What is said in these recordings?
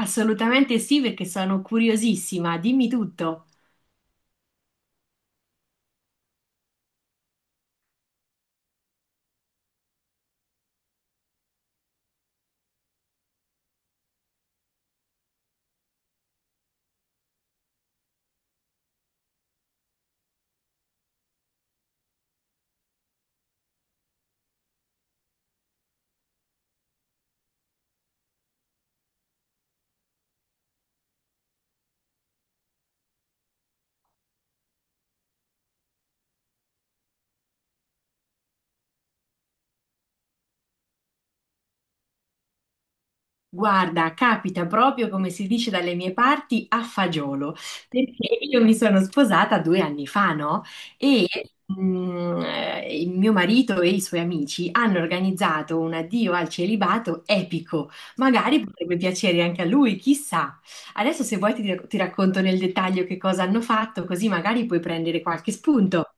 Assolutamente sì, perché sono curiosissima, dimmi tutto. Guarda, capita proprio come si dice dalle mie parti a fagiolo, perché io mi sono sposata 2 anni fa, no? E il mio marito e i suoi amici hanno organizzato un addio al celibato epico. Magari potrebbe piacere anche a lui, chissà. Adesso se vuoi ti racconto nel dettaglio che cosa hanno fatto, così magari puoi prendere qualche spunto.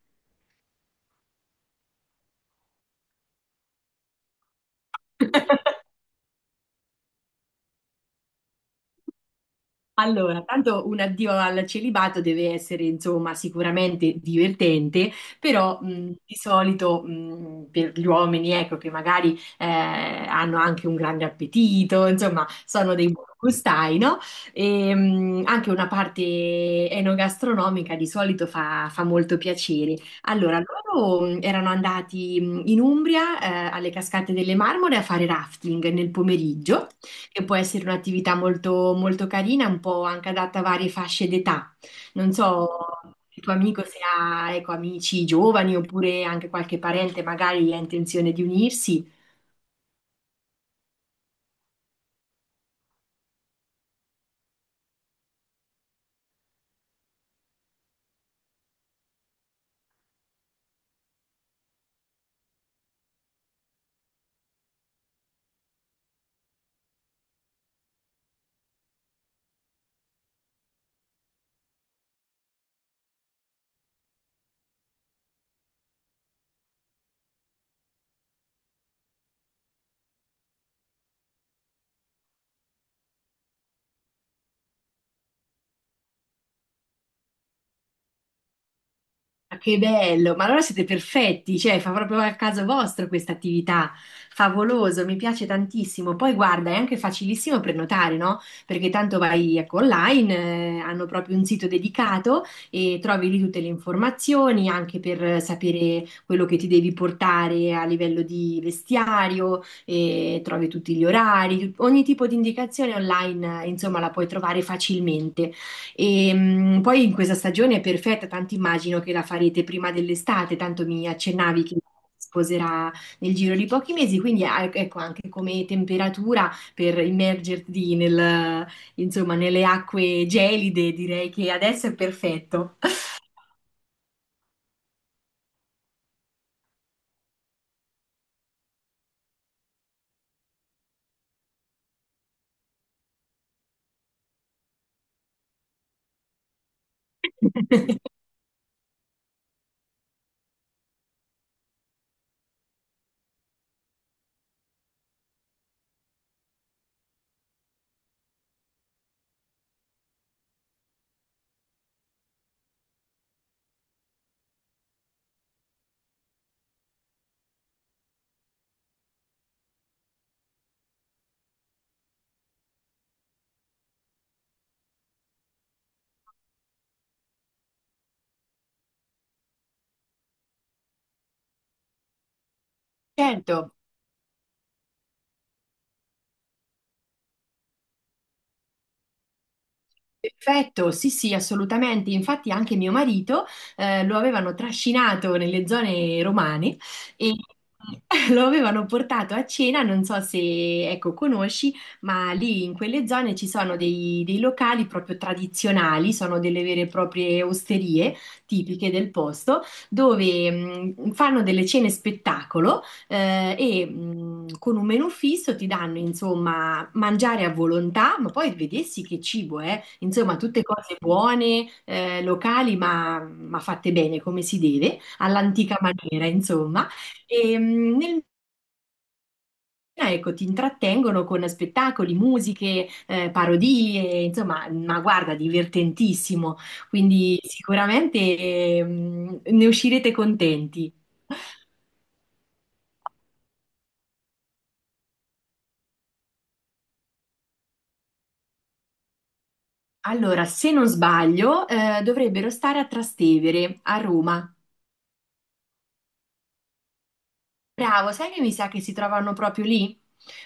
Allora, tanto un addio al celibato deve essere, insomma, sicuramente divertente, però di solito per gli uomini, ecco, che magari hanno anche un grande appetito, insomma, sono dei buoni gustai, no? E, anche una parte enogastronomica di solito fa, fa molto piacere. Allora, loro erano andati in Umbria, alle Cascate delle Marmore a fare rafting nel pomeriggio che può essere un'attività molto, molto carina, un po' anche adatta a varie fasce d'età. Non so il tuo amico se ha, ecco, amici giovani oppure anche qualche parente magari ha intenzione di unirsi. Ma che bello, ma allora siete perfetti, cioè fa proprio al caso vostro questa attività, favoloso, mi piace tantissimo. Poi guarda, è anche facilissimo prenotare, no? Perché tanto vai ecco, online, hanno proprio un sito dedicato e trovi lì tutte le informazioni anche per sapere quello che ti devi portare a livello di vestiario, e trovi tutti gli orari, ogni tipo di indicazione online, insomma, la puoi trovare facilmente. E poi in questa stagione è perfetta, tanto immagino che la farete prima dell'estate, tanto mi accennavi che si sposerà nel giro di pochi mesi, quindi ecco anche come temperatura per immergerti nel, insomma, nelle acque gelide, direi che adesso è perfetto. Certo. Perfetto, sì, sì, assolutamente. Infatti anche mio marito lo avevano trascinato nelle zone romane e lo avevano portato a cena, non so se ecco, conosci, ma lì in quelle zone ci sono dei, dei locali proprio tradizionali, sono delle vere e proprie osterie tipiche del posto, dove fanno delle cene spettacolo e con un menù fisso ti danno insomma mangiare a volontà, ma poi vedessi che cibo è. Insomma, tutte cose buone, locali, ma fatte bene come si deve, all'antica maniera, insomma. E, mm, nel Ecco, ti intrattengono con spettacoli, musiche, parodie, insomma, ma guarda, divertentissimo. Quindi sicuramente ne uscirete contenti. Allora, se non sbaglio, dovrebbero stare a Trastevere, a Roma. Bravo, sai che mi sa che si trovano proprio lì?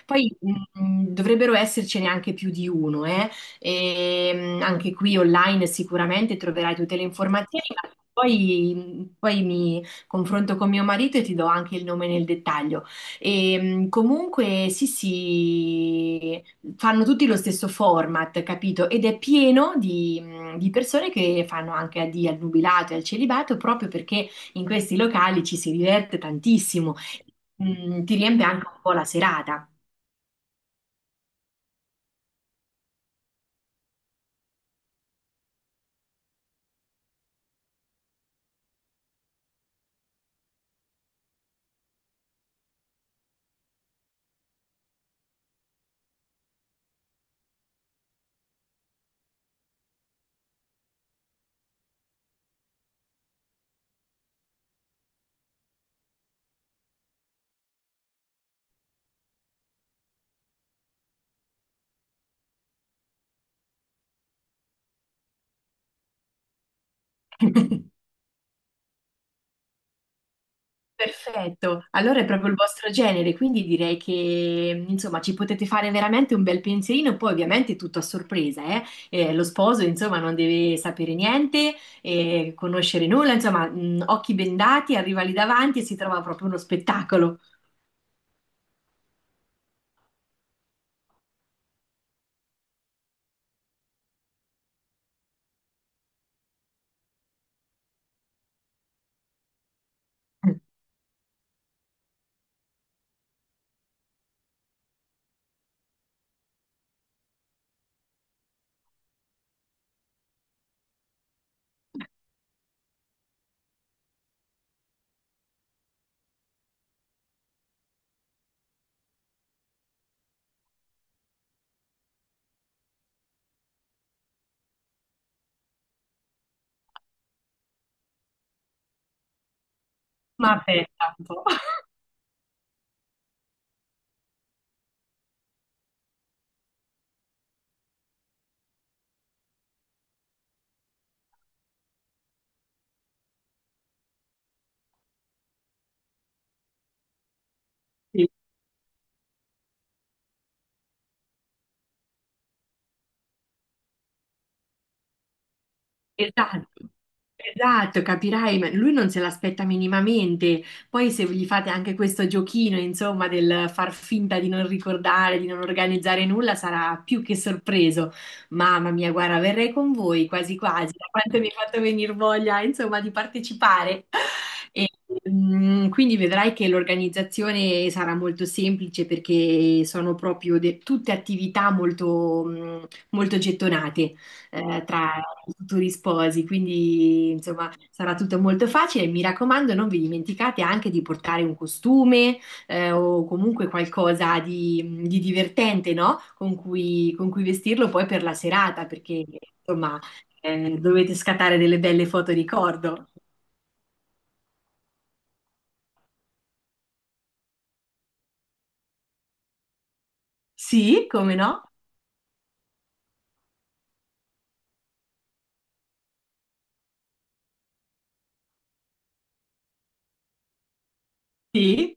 Poi dovrebbero essercene anche più di uno, eh? E, anche qui online sicuramente troverai tutte le informazioni, ma poi, poi mi confronto con mio marito e ti do anche il nome nel dettaglio. E, comunque sì, sì, fanno tutti lo stesso format, capito? Ed è pieno di persone che fanno anche di al nubilato e al celibato proprio perché in questi locali ci si diverte tantissimo. Mm, ti riempie anche un po' la serata. Perfetto, allora è proprio il vostro genere, quindi direi che insomma ci potete fare veramente un bel pensierino, poi ovviamente tutto a sorpresa, eh? Lo sposo insomma non deve sapere niente, conoscere nulla, insomma occhi bendati, arriva lì davanti e si trova proprio uno spettacolo. Ma aspetta un po'. Esatto, esatto, capirai, ma lui non se l'aspetta minimamente. Poi se gli fate anche questo giochino, insomma, del far finta di non ricordare, di non organizzare nulla, sarà più che sorpreso. Mamma mia, guarda, verrei con voi quasi quasi, da quanto mi hai fatto venire voglia, insomma, di partecipare. E, quindi vedrai che l'organizzazione sarà molto semplice perché sono proprio tutte attività molto, molto gettonate tra i futuri sposi, quindi insomma sarà tutto molto facile. Mi raccomando, non vi dimenticate anche di portare un costume o comunque qualcosa di divertente, no? Con cui vestirlo poi per la serata, perché insomma dovete scattare delle belle foto ricordo. Sì, come no? Sì,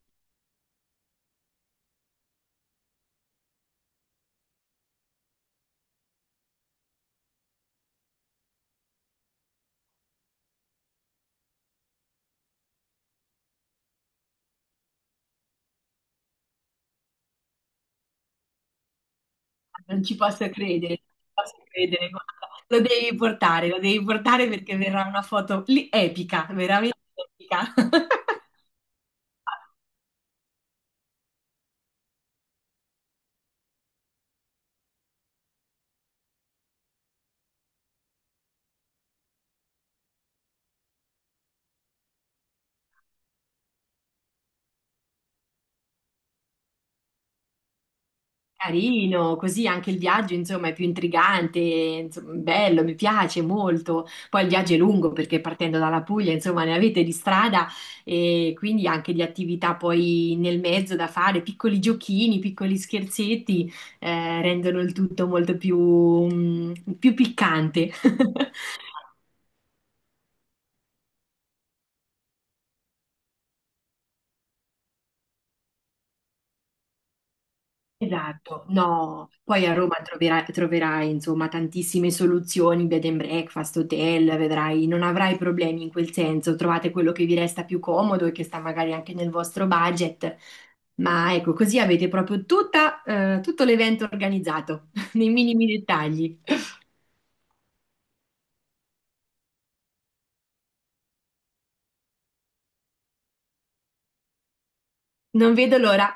non ci posso credere, non ci posso credere, guarda. Lo devi portare perché verrà una foto lì epica, veramente epica. Carino, così anche il viaggio, insomma, è più intrigante, insomma, bello, mi piace molto. Poi il viaggio è lungo perché partendo dalla Puglia, insomma, ne avete di strada e quindi anche di attività poi nel mezzo da fare, piccoli giochini, piccoli scherzetti, rendono il tutto molto più piccante. Esatto, no, poi a Roma troverai, troverai insomma tantissime soluzioni, bed and breakfast, hotel, vedrai, non avrai problemi in quel senso, trovate quello che vi resta più comodo e che sta magari anche nel vostro budget, ma ecco, così avete proprio tutta, tutto l'evento organizzato, nei minimi dettagli. Non vedo l'ora.